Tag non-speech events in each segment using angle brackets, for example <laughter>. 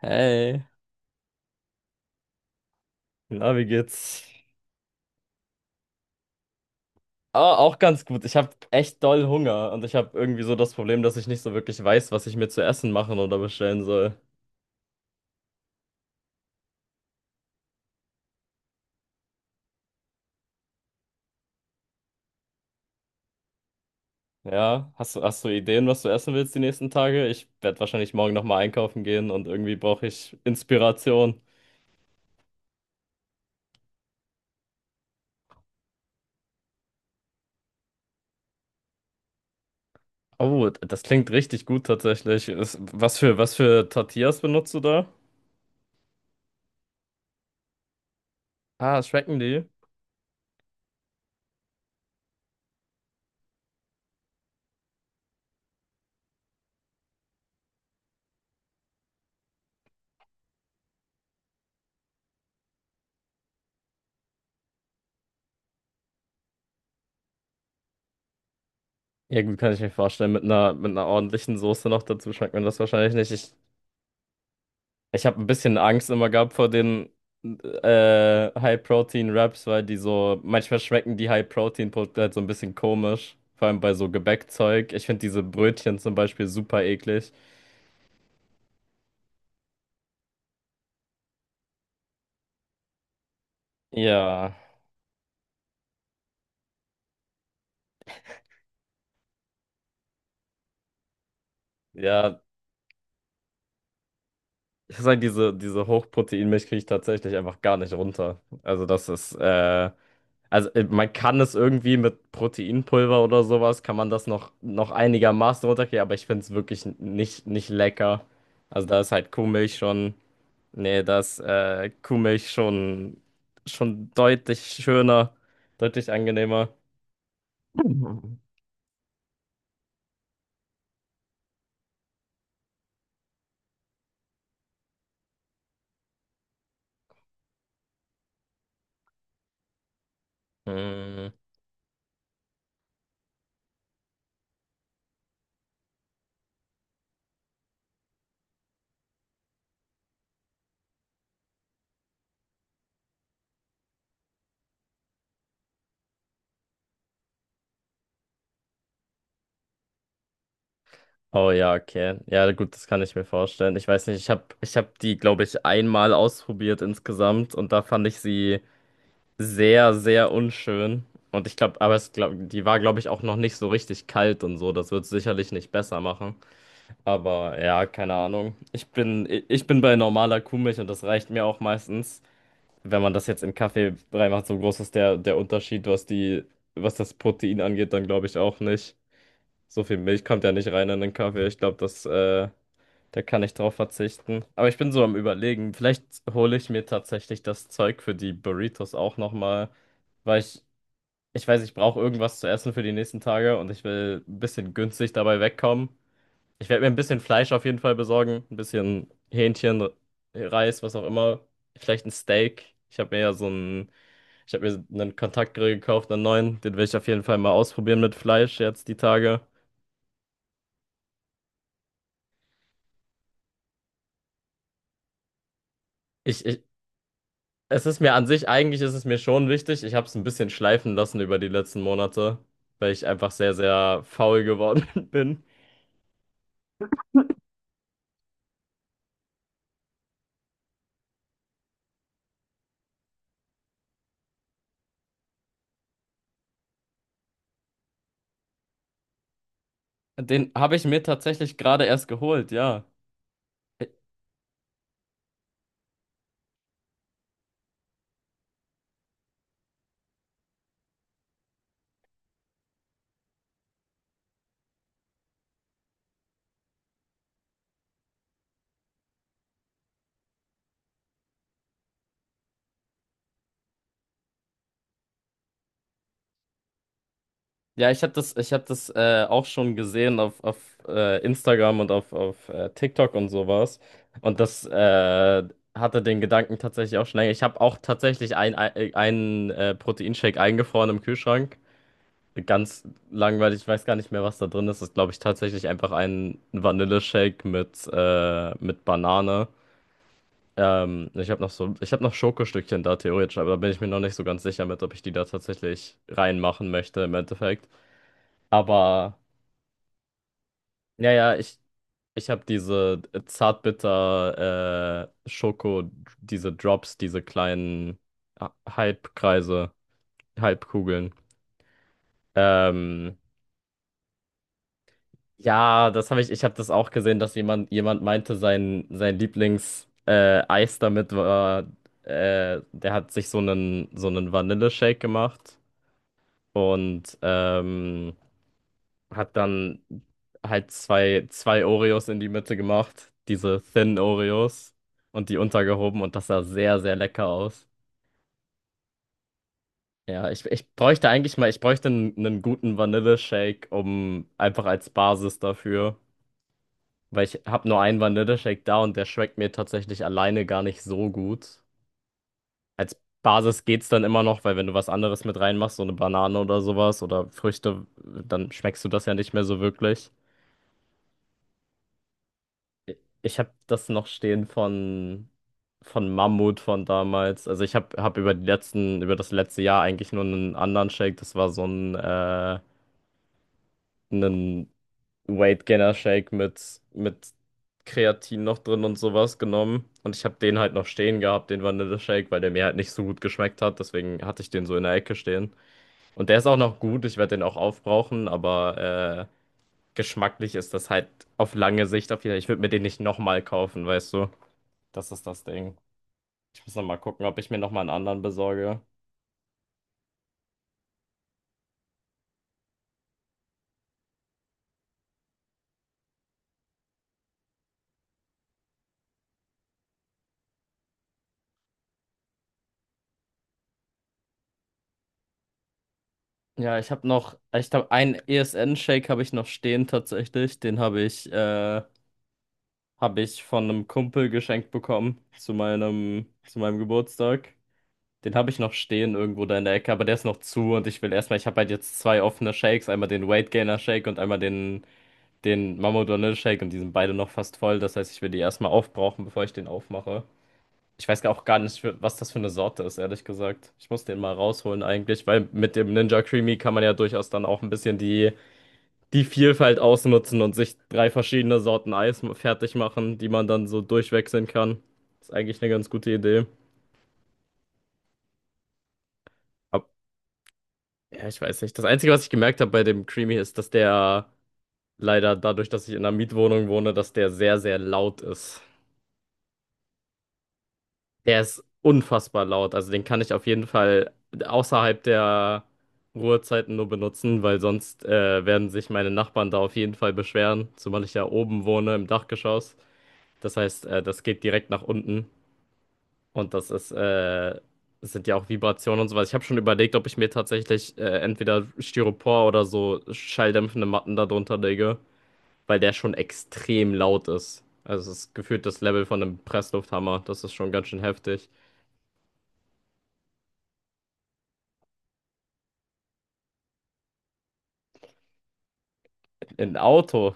Hey, na, wie geht's? Ah, auch ganz gut. Ich habe echt doll Hunger und ich habe irgendwie so das Problem, dass ich nicht so wirklich weiß, was ich mir zu essen machen oder bestellen soll. Ja, hast du Ideen, was du essen willst die nächsten Tage? Ich werde wahrscheinlich morgen nochmal einkaufen gehen und irgendwie brauche ich Inspiration. Oh, das klingt richtig gut tatsächlich. Was für Tortillas benutzt du da? Ah, schmecken die? Ja, gut, kann ich mir vorstellen. Mit einer ordentlichen Soße noch dazu schmeckt man das wahrscheinlich nicht. Ich habe ein bisschen Angst immer gehabt vor den High-Protein-Wraps, weil die so, manchmal schmecken die High-Protein-Produkte halt so ein bisschen komisch. Vor allem bei so Gebäckzeug. Ich finde diese Brötchen zum Beispiel super eklig. Ja, ja. Ich sag, diese Hochproteinmilch kriege ich tatsächlich einfach gar nicht runter. Also das ist, also man kann es irgendwie mit Proteinpulver oder sowas, kann man das noch, noch einigermaßen runterkriegen, aber ich finde es wirklich nicht, nicht lecker. Also da ist halt Kuhmilch schon. Nee, das Kuhmilch schon, schon deutlich schöner, deutlich angenehmer. <laughs> Mhm. Mm. Oh ja, okay. Ja, gut, das kann ich mir vorstellen. Ich weiß nicht, ich hab die, glaube ich, einmal ausprobiert insgesamt und da fand ich sie sehr, sehr unschön. Und ich glaube, aber es glaub, die war, glaube ich, auch noch nicht so richtig kalt und so. Das wird sicherlich nicht besser machen. Aber ja, keine Ahnung. Ich bin bei normaler Kuhmilch und das reicht mir auch meistens. Wenn man das jetzt in Kaffee reinmacht, so groß ist der Unterschied, was das Protein angeht, dann glaube ich auch nicht. So viel Milch kommt ja nicht rein in den Kaffee. Ich glaube, da kann ich drauf verzichten. Aber ich bin so am Überlegen. Vielleicht hole ich mir tatsächlich das Zeug für die Burritos auch nochmal, weil ich, ich weiß, ich brauche irgendwas zu essen für die nächsten Tage und ich will ein bisschen günstig dabei wegkommen. Ich werde mir ein bisschen Fleisch auf jeden Fall besorgen, ein bisschen Hähnchen, Reis, was auch immer. Vielleicht ein Steak. Ich habe mir einen Kontaktgrill gekauft, einen neuen. Den will ich auf jeden Fall mal ausprobieren mit Fleisch jetzt die Tage. Ich, ich, es ist mir an sich, eigentlich ist es mir schon wichtig. Ich habe es ein bisschen schleifen lassen über die letzten Monate, weil ich einfach sehr, sehr faul geworden <laughs> bin. Den habe ich mir tatsächlich gerade erst geholt, ja. Ja, ich hab das auch schon gesehen auf Instagram und auf TikTok und sowas. Und das hatte den Gedanken tatsächlich auch schon länger. Ich habe auch tatsächlich einen Proteinshake eingefroren im Kühlschrank. Ganz langweilig, ich weiß gar nicht mehr, was da drin ist. Das ist, glaube ich, tatsächlich einfach ein Vanilleshake mit Banane. Ich habe noch Schokostückchen da theoretisch, aber da bin ich mir noch nicht so ganz sicher mit, ob ich die da tatsächlich reinmachen möchte im Endeffekt. Aber. Ja, ja, ich habe diese zartbitter äh, Schoko, diese Drops, diese kleinen Halbkreise, Halbkugeln. Ähm, ja, ich habe das auch gesehen, dass jemand meinte, sein Lieblings Eis damit war, der hat sich so einen Vanilleshake gemacht und hat dann halt zwei Oreos in die Mitte gemacht, diese Thin Oreos und die untergehoben und das sah sehr, sehr lecker aus. Ja, ich bräuchte einen guten Vanilleshake, um einfach als Basis dafür, weil ich habe nur einen Vanilleshake da und der schmeckt mir tatsächlich alleine gar nicht so gut. Als Basis geht's dann immer noch, weil wenn du was anderes mit reinmachst, so eine Banane oder sowas oder Früchte, dann schmeckst du das ja nicht mehr so wirklich. Ich habe das noch stehen von Mammut von damals. Also ich hab über das letzte Jahr eigentlich nur einen anderen Shake. Das war einen Weight Gainer Shake mit Kreatin noch drin und sowas genommen. Und ich habe den halt noch stehen gehabt, den Vanille-Shake, weil der mir halt nicht so gut geschmeckt hat. Deswegen hatte ich den so in der Ecke stehen. Und der ist auch noch gut. Ich werde den auch aufbrauchen, aber geschmacklich ist das halt auf lange Sicht auf jeden Fall. Ich würde mir den nicht nochmal kaufen, weißt du. Das ist das Ding. Ich muss noch mal gucken, ob ich mir noch mal einen anderen besorge. Ja, ich habe einen ESN-Shake habe ich noch stehen tatsächlich. Den habe ich von einem Kumpel geschenkt bekommen zu meinem, Geburtstag. Den habe ich noch stehen irgendwo da in der Ecke, aber der ist noch zu und ich habe halt jetzt zwei offene Shakes, einmal den Weight Gainer Shake und einmal den Mama Shake und die sind beide noch fast voll. Das heißt, ich will die erstmal aufbrauchen, bevor ich den aufmache. Ich weiß auch gar nicht, was das für eine Sorte ist, ehrlich gesagt. Ich muss den mal rausholen eigentlich, weil mit dem Ninja Creamy kann man ja durchaus dann auch ein bisschen die Vielfalt ausnutzen und sich drei verschiedene Sorten Eis fertig machen, die man dann so durchwechseln kann. Ist eigentlich eine ganz gute Idee. Ab- ja, ich weiß nicht. Das Einzige, was ich gemerkt habe bei dem Creamy ist, dass der leider dadurch, dass ich in einer Mietwohnung wohne, dass der sehr, sehr laut ist. Der ist unfassbar laut. Also den kann ich auf jeden Fall außerhalb der Ruhezeiten nur benutzen, weil sonst werden sich meine Nachbarn da auf jeden Fall beschweren, zumal ich ja oben wohne im Dachgeschoss. Das heißt, das geht direkt nach unten und das sind ja auch Vibrationen und sowas. Ich habe schon überlegt, ob ich mir tatsächlich entweder Styropor oder so schalldämpfende Matten da drunter lege, weil der schon extrem laut ist. Also es ist gefühlt das Level von einem Presslufthammer. Das ist schon ganz schön heftig. Ein Auto.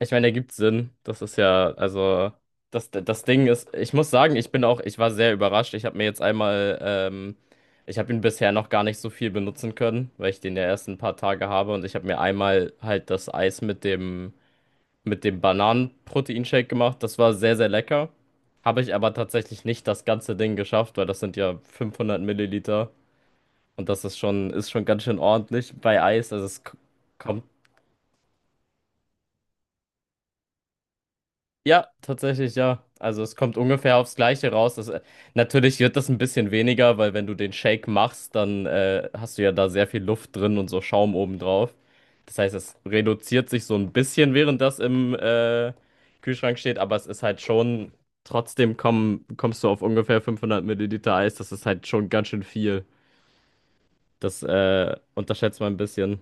Ich meine, ergibt Sinn. Das ist ja, also, das Ding ist, ich muss sagen, ich war sehr überrascht. Ich habe mir jetzt einmal, Ich habe ihn bisher noch gar nicht so viel benutzen können, weil ich den ja erst ein paar Tage habe und ich habe mir einmal halt das Eis mit dem, Bananen-Proteinshake gemacht. Das war sehr, sehr lecker. Habe ich aber tatsächlich nicht das ganze Ding geschafft, weil das sind ja 500 Milliliter und das ist schon, ganz schön ordentlich bei Eis. Also, es kommt. Ja, tatsächlich, ja. Also es kommt ungefähr aufs Gleiche raus. Natürlich wird das ein bisschen weniger, weil wenn du den Shake machst, dann hast du ja da sehr viel Luft drin und so Schaum obendrauf. Das heißt, es reduziert sich so ein bisschen, während das im Kühlschrank steht, aber es ist halt schon, trotzdem kommst du auf ungefähr 500 Milliliter Eis. Das ist halt schon ganz schön viel. Das unterschätzt man ein bisschen.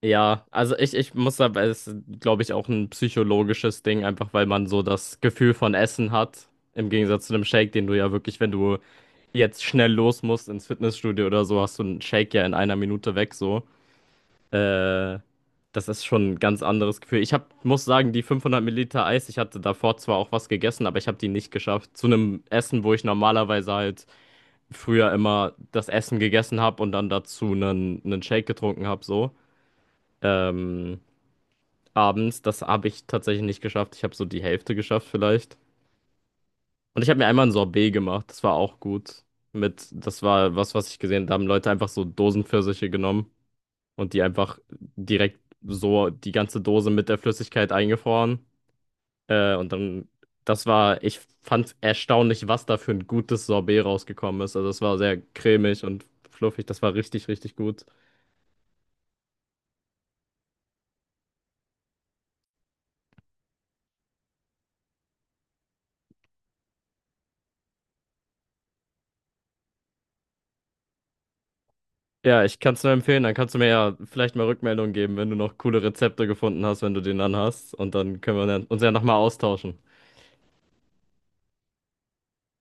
Ja, also ich muss aber, es ist, glaube ich, auch ein psychologisches Ding, einfach weil man so das Gefühl von Essen hat. Im Gegensatz zu einem Shake, den du ja wirklich, wenn du jetzt schnell los musst ins Fitnessstudio oder so, hast du einen Shake ja in einer Minute weg, so. Äh, das ist schon ein ganz anderes Gefühl. Ich hab, muss sagen, die 500 Milliliter Eis, ich hatte davor zwar auch was gegessen, aber ich habe die nicht geschafft. Zu einem Essen, wo ich normalerweise halt früher immer das Essen gegessen habe und dann dazu einen Shake getrunken habe, so. Ähm abends. Das habe ich tatsächlich nicht geschafft. Ich habe so die Hälfte geschafft vielleicht. Und ich habe mir einmal ein Sorbet gemacht. Das war auch gut. Das war was, was ich gesehen habe. Da haben Leute einfach so Dosenpfirsiche genommen und die einfach direkt so die ganze Dose mit der Flüssigkeit eingefroren. Und dann, ich fand erstaunlich, was da für ein gutes Sorbet rausgekommen ist. Also es war sehr cremig und fluffig. Das war richtig, richtig gut. Ja, ich kann es nur empfehlen. Dann kannst du mir ja vielleicht mal Rückmeldung geben, wenn du noch coole Rezepte gefunden hast, wenn du den dann hast. Und dann können wir dann uns ja nochmal austauschen.